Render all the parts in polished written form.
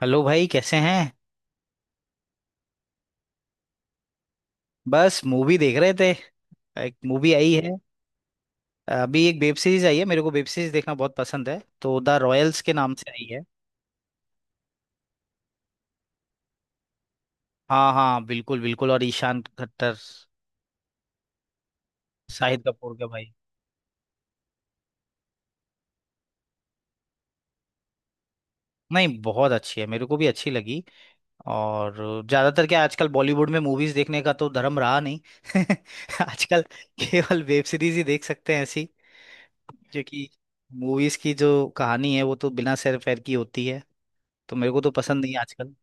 Hello भाई कैसे हैं। बस मूवी देख रहे थे। एक मूवी आई है। अभी एक वेब सीरीज आई है, मेरे को वेब सीरीज देखना बहुत पसंद है, तो द रॉयल्स के नाम से आई है। हाँ हाँ, बिल्कुल बिल्कुल, और ईशान खट्टर, शाहिद कपूर के भाई। नहीं, बहुत अच्छी है, मेरे को भी अच्छी लगी। और ज्यादातर क्या, आजकल बॉलीवुड में मूवीज देखने का तो धर्म रहा नहीं आजकल केवल वेब सीरीज ही देख सकते हैं ऐसी, क्योंकि मूवीज की जो कहानी है वो तो बिना सैर फैर की होती है, तो मेरे को तो पसंद नहीं है आजकल।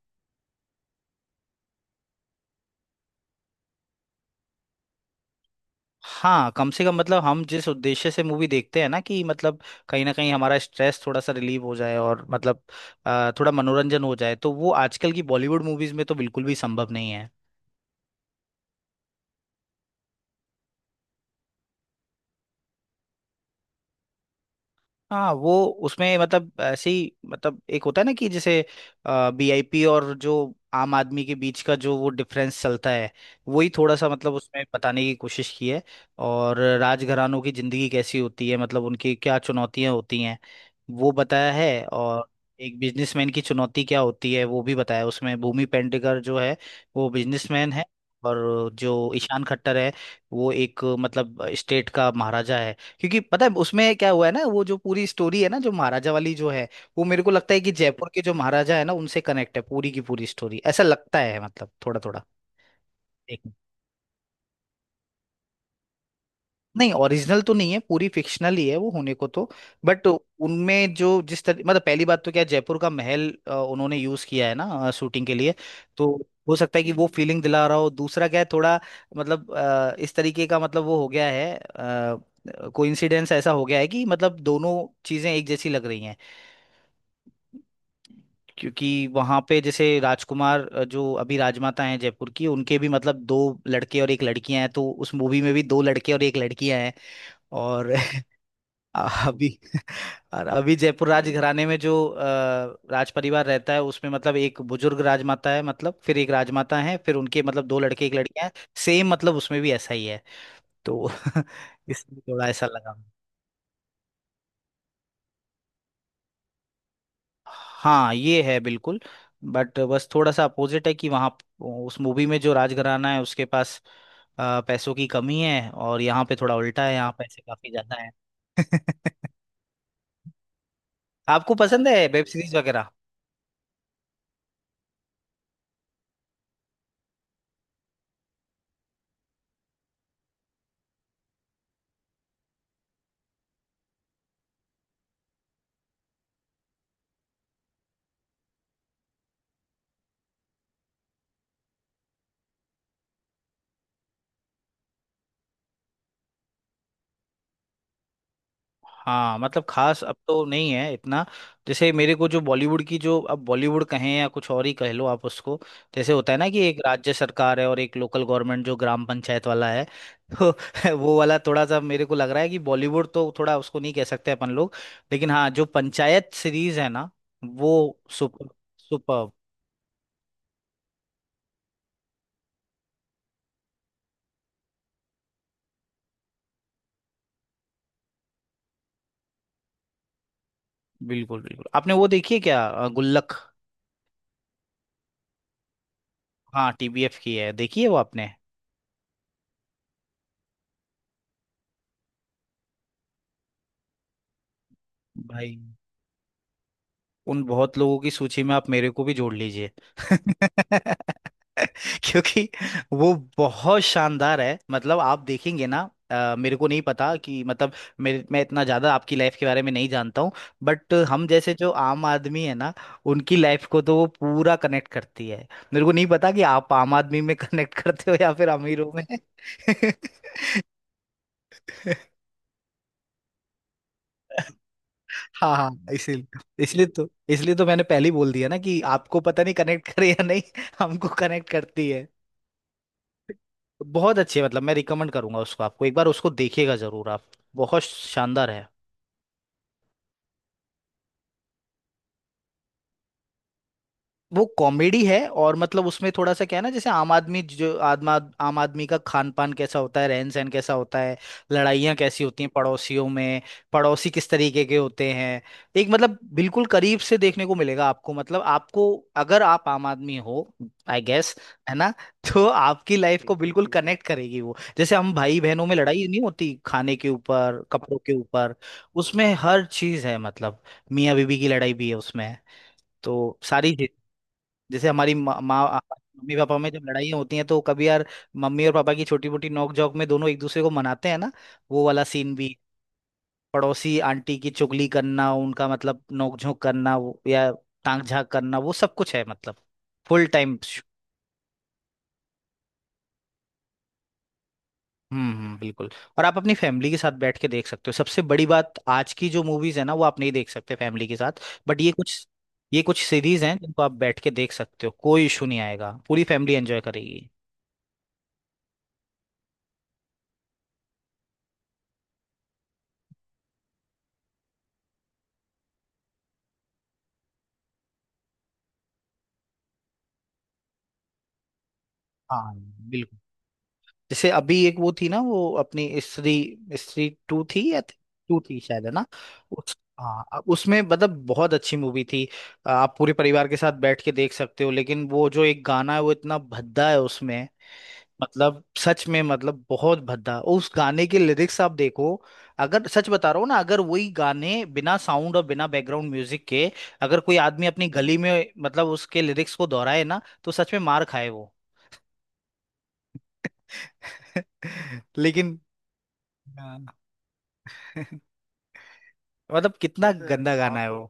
हाँ, कम से कम मतलब हम जिस उद्देश्य से मूवी देखते हैं ना, कि मतलब कहीं ना कहीं हमारा स्ट्रेस थोड़ा सा रिलीव हो जाए, और मतलब थोड़ा मनोरंजन हो जाए, तो वो आजकल की बॉलीवुड मूवीज में तो बिल्कुल भी संभव नहीं। हाँ वो, उसमें मतलब ऐसे ही, मतलब एक होता है ना, कि जैसे वीआईपी और जो आम आदमी के बीच का जो वो डिफरेंस चलता है, वही थोड़ा सा मतलब उसमें बताने की कोशिश की है। और राजघरानों की जिंदगी कैसी होती है, मतलब उनकी क्या चुनौतियां होती हैं, वो बताया है। और एक बिजनेसमैन की चुनौती क्या होती है वो भी बताया है। उसमें भूमि पेडनेकर जो है, वो बिजनेसमैन है। और जो ईशान खट्टर है, वो एक मतलब स्टेट का महाराजा है। क्योंकि पता है उसमें क्या हुआ है ना, वो जो पूरी स्टोरी है ना, जो महाराजा वाली जो है, वो मेरे को लगता है कि जयपुर के जो महाराजा है ना, उनसे कनेक्ट है पूरी की पूरी स्टोरी, ऐसा लगता है मतलब थोड़ा थोड़ा। एक मिनट। नहीं, ओरिजिनल तो नहीं है, पूरी फिक्शनल ही है वो होने को तो। बट उनमें जो जिस तरह, मतलब पहली बात तो क्या, जयपुर का महल उन्होंने यूज किया है ना शूटिंग के लिए। तो हो सकता है कि वो फीलिंग दिला रहा हो। दूसरा क्या है, थोड़ा मतलब इस तरीके का, मतलब वो हो गया है कोइंसिडेंस, ऐसा हो गया है कि मतलब दोनों चीजें एक जैसी लग रही हैं। क्योंकि वहां पे जैसे राजकुमार जो अभी राजमाता हैं जयपुर की, उनके भी मतलब दो लड़के और एक लड़कियां हैं, तो उस मूवी में भी दो लड़के और एक लड़कियां हैं और अभी, और अभी जयपुर राज घराने में जो राज परिवार रहता है, उसमें मतलब एक बुजुर्ग राजमाता है, मतलब फिर एक राजमाता है, फिर उनके मतलब दो लड़के एक लड़कियां हैं, सेम मतलब उसमें भी ऐसा ही है तो इसलिए थोड़ा ऐसा लगा। हाँ, ये है बिल्कुल। बट बस थोड़ा सा अपोजिट है कि वहाँ उस मूवी में जो राजघराना है उसके पास पैसों की कमी है, और यहाँ पे थोड़ा उल्टा है, यहाँ पैसे काफी ज्यादा है आपको पसंद है वेब सीरीज वगैरह? हाँ, मतलब खास अब तो नहीं है इतना। जैसे मेरे को जो बॉलीवुड की जो, अब बॉलीवुड कहें या कुछ और ही कह लो आप उसको, जैसे होता है ना कि एक राज्य सरकार है और एक लोकल गवर्नमेंट जो ग्राम पंचायत वाला है तो वो वाला थोड़ा सा मेरे को लग रहा है कि बॉलीवुड तो थोड़ा उसको नहीं कह सकते अपन लोग। लेकिन हाँ, जो पंचायत सीरीज है ना, वो सुपर सुपर। बिल्कुल बिल्कुल, आपने वो देखी है क्या, गुल्लक? हाँ टीबीएफ की है, देखी है वो आपने? भाई उन बहुत लोगों की सूची में आप मेरे को भी जोड़ लीजिए क्योंकि वो बहुत शानदार है, मतलब आप देखेंगे ना। मेरे को नहीं पता कि मतलब, मेरे, मैं इतना ज्यादा आपकी लाइफ के बारे में नहीं जानता हूँ, बट हम जैसे जो आम आदमी है ना, उनकी लाइफ को तो वो पूरा कनेक्ट करती है। मेरे को नहीं पता कि आप आम आदमी में कनेक्ट करते हो या फिर अमीरों में हाँ हाँ, इसलिए, इसलिए तो, इसलिए तो मैंने पहले ही बोल दिया ना कि आपको पता नहीं कनेक्ट करे या नहीं हमको कनेक्ट करती है। बहुत अच्छी है, मतलब मैं रिकमेंड करूंगा उसको, आपको एक बार उसको देखिएगा जरूर आप, बहुत शानदार है। वो कॉमेडी है, और मतलब उसमें थोड़ा सा क्या है ना, जैसे आम आदमी जो आदमा आम आदमी का खान पान कैसा होता है, रहन सहन कैसा होता है, लड़ाइयाँ कैसी होती हैं पड़ोसियों में, पड़ोसी किस तरीके के होते हैं, एक मतलब बिल्कुल करीब से देखने को मिलेगा आपको, मतलब आपको, अगर आप आम आदमी हो आई गेस, है ना तो आपकी लाइफ को बिल्कुल कनेक्ट करेगी वो। जैसे हम भाई बहनों में लड़ाई नहीं होती खाने के ऊपर, कपड़ों के ऊपर, उसमें हर चीज है मतलब। मियाँ बीवी की लड़ाई भी है उसमें, तो सारी। जैसे हमारी माँ माँ- मम्मी पापा में जब लड़ाइयाँ होती हैं, तो कभी यार मम्मी और पापा की छोटी मोटी नोक झोंक में दोनों एक दूसरे को मनाते हैं ना, वो वाला सीन भी। पड़ोसी आंटी की चुगली करना, उनका मतलब नोक झोंक करना या टांग झांक करना, वो सब कुछ है मतलब, फुल टाइम। बिल्कुल। और आप अपनी फैमिली के साथ बैठ के देख सकते हो, सबसे बड़ी बात, आज की जो मूवीज है ना, वो आप नहीं देख सकते फैमिली के साथ। बट ये कुछ, ये कुछ सीरीज हैं जिनको आप बैठ के देख सकते हो, कोई इशू नहीं आएगा, पूरी फैमिली एंजॉय करेगी। हाँ बिल्कुल। जैसे अभी एक वो थी ना, वो अपनी स्त्री स्त्री टू थी या टू थी शायद, है ना? उस, हाँ उसमें मतलब बहुत अच्छी मूवी थी, आप पूरे परिवार के साथ बैठ के देख सकते हो, लेकिन वो जो एक गाना है वो इतना भद्दा है उसमें, मतलब सच में, मतलब बहुत भद्दा, उस गाने के लिरिक्स आप देखो। अगर, सच बता रहा हूँ ना, अगर वही गाने बिना साउंड और बिना बैकग्राउंड म्यूजिक के, अगर कोई आदमी अपनी गली में मतलब उसके लिरिक्स को दोहराए ना, तो सच में मार खाए वो लेकिन हाँ। मतलब कितना गंदा गाना है वो।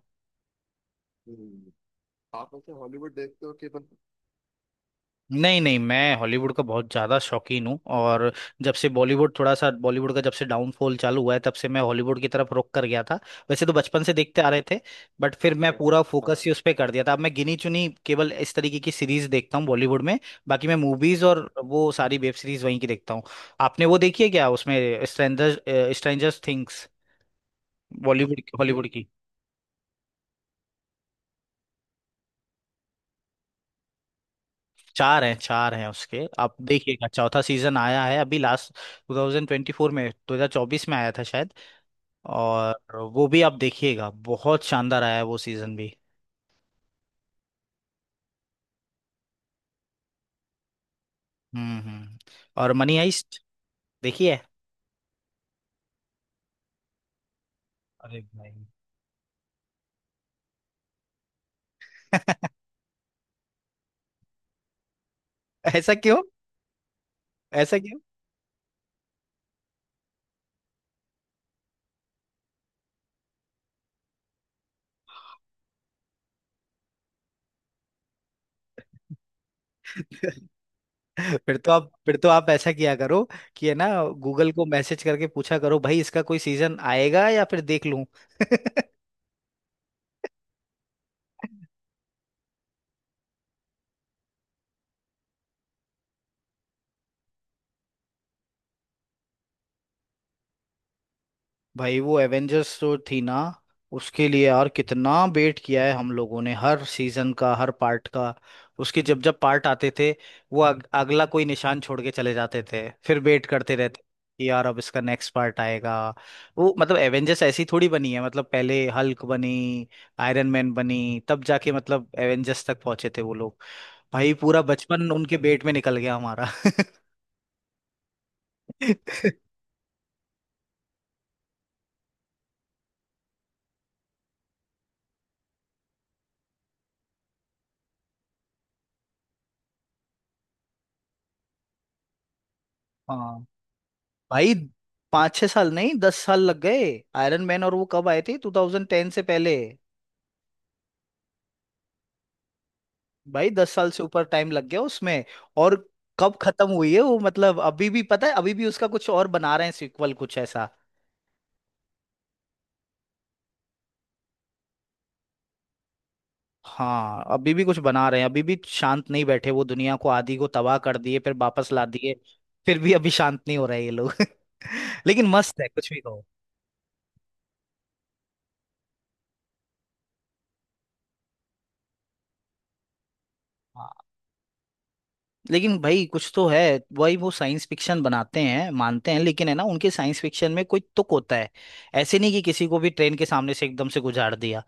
नहीं नहीं, मैं हॉलीवुड का बहुत ज़्यादा शौकीन हूँ, और जब से बॉलीवुड थोड़ा सा, बॉलीवुड का जब से डाउनफॉल चालू हुआ है, तब से मैं हॉलीवुड की तरफ रुक कर गया था। वैसे तो बचपन से देखते आ रहे थे, बट फिर मैं पूरा फोकस ही उस पर कर दिया था। अब मैं गिनी चुनी केवल इस तरीके की सीरीज देखता हूँ बॉलीवुड में, बाकी मैं मूवीज और वो सारी वेब सीरीज वहीं की देखता हूँ। आपने वो देखी है क्या, उसमें Strangers, Strangers Things? Bollywood Hollywood की। चार हैं, चार हैं उसके, आप देखिएगा, चौथा सीजन आया है अभी लास्ट, 2024 में, 2024 में आया था शायद। और वो भी आप देखिएगा, बहुत शानदार आया है वो सीजन भी। हम्म। और मनी हाइस्ट, देखिए। अरे भाई ऐसा क्यों, ऐसा क्यों? फिर तो आप ऐसा किया करो कि, है ना, गूगल को मैसेज करके पूछा करो भाई इसका कोई सीजन आएगा या फिर देख लूं भाई वो एवेंजर्स जो थी ना, उसके लिए यार कितना वेट किया है हम लोगों ने, हर सीजन का, हर पार्ट का। उसके जब जब पार्ट आते थे, वो अगला कोई निशान छोड़ के चले जाते थे, फिर वेट करते रहते कि यार अब इसका नेक्स्ट पार्ट आएगा। वो मतलब एवेंजर्स ऐसी थोड़ी बनी है, मतलब पहले हल्क बनी, आयरन मैन बनी, तब जाके मतलब एवेंजर्स तक पहुंचे थे वो लोग। भाई पूरा बचपन उनके पेट में निकल गया हमारा हाँ भाई, पाँच छह साल नहीं, दस साल लग गए। आयरन मैन और वो कब आए थे, 2010 से पहले। भाई दस साल से ऊपर टाइम लग गया उसमें। और कब खत्म हुई है वो, मतलब अभी भी, पता है अभी भी उसका कुछ और बना रहे हैं, सीक्वल कुछ ऐसा। हाँ अभी भी कुछ बना रहे हैं, अभी भी शांत नहीं बैठे। वो दुनिया को आधी को तबाह कर दिए, फिर वापस ला दिए, फिर भी अभी शांत नहीं हो रहे ये लोग लेकिन मस्त है कुछ भी कहो। हाँ। लेकिन भाई कुछ तो है, वही, वो साइंस फिक्शन बनाते हैं मानते हैं, लेकिन है ना, उनके साइंस फिक्शन में कोई तुक होता है। ऐसे नहीं कि किसी को भी ट्रेन के सामने से एकदम से गुजार दिया,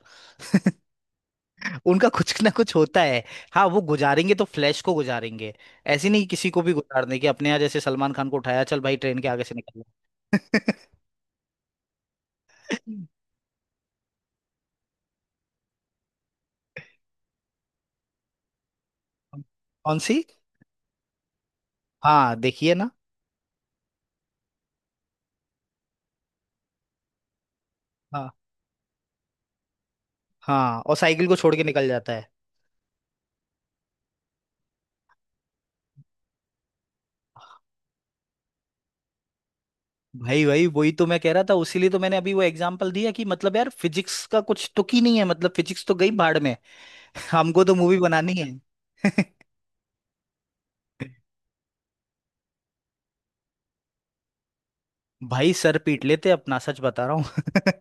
उनका कुछ ना कुछ होता है। हाँ वो गुजारेंगे तो फ्लैश को गुजारेंगे, ऐसे नहीं कि किसी को भी गुजार देंगे, अपने यहाँ जैसे सलमान खान को उठाया, चल भाई ट्रेन के आगे से निकल जा। कौन सी? हाँ देखिए ना। हाँ हाँ, और साइकिल को छोड़ के निकल जाता है। भाई भाई, वही तो मैं कह रहा था, उसीलिए तो मैंने अभी वो एग्जांपल दिया, कि मतलब यार फिजिक्स का कुछ तुक ही नहीं है, मतलब फिजिक्स तो गई भाड़ में हमको तो मूवी बनानी है भाई सर पीट लेते अपना, सच बता रहा हूँ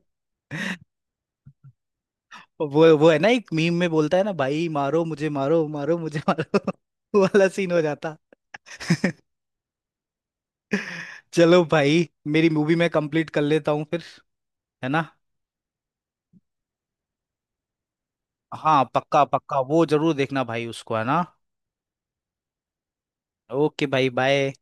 वो है ना एक मीम में बोलता है ना, भाई मारो मुझे मारो, मारो मुझे मारो वो वाला सीन हो जाता चलो भाई, मेरी मूवी मैं कंप्लीट कर लेता हूँ फिर, है ना। हाँ पक्का पक्का, वो जरूर देखना भाई उसको, है ना। ओके भाई बाय।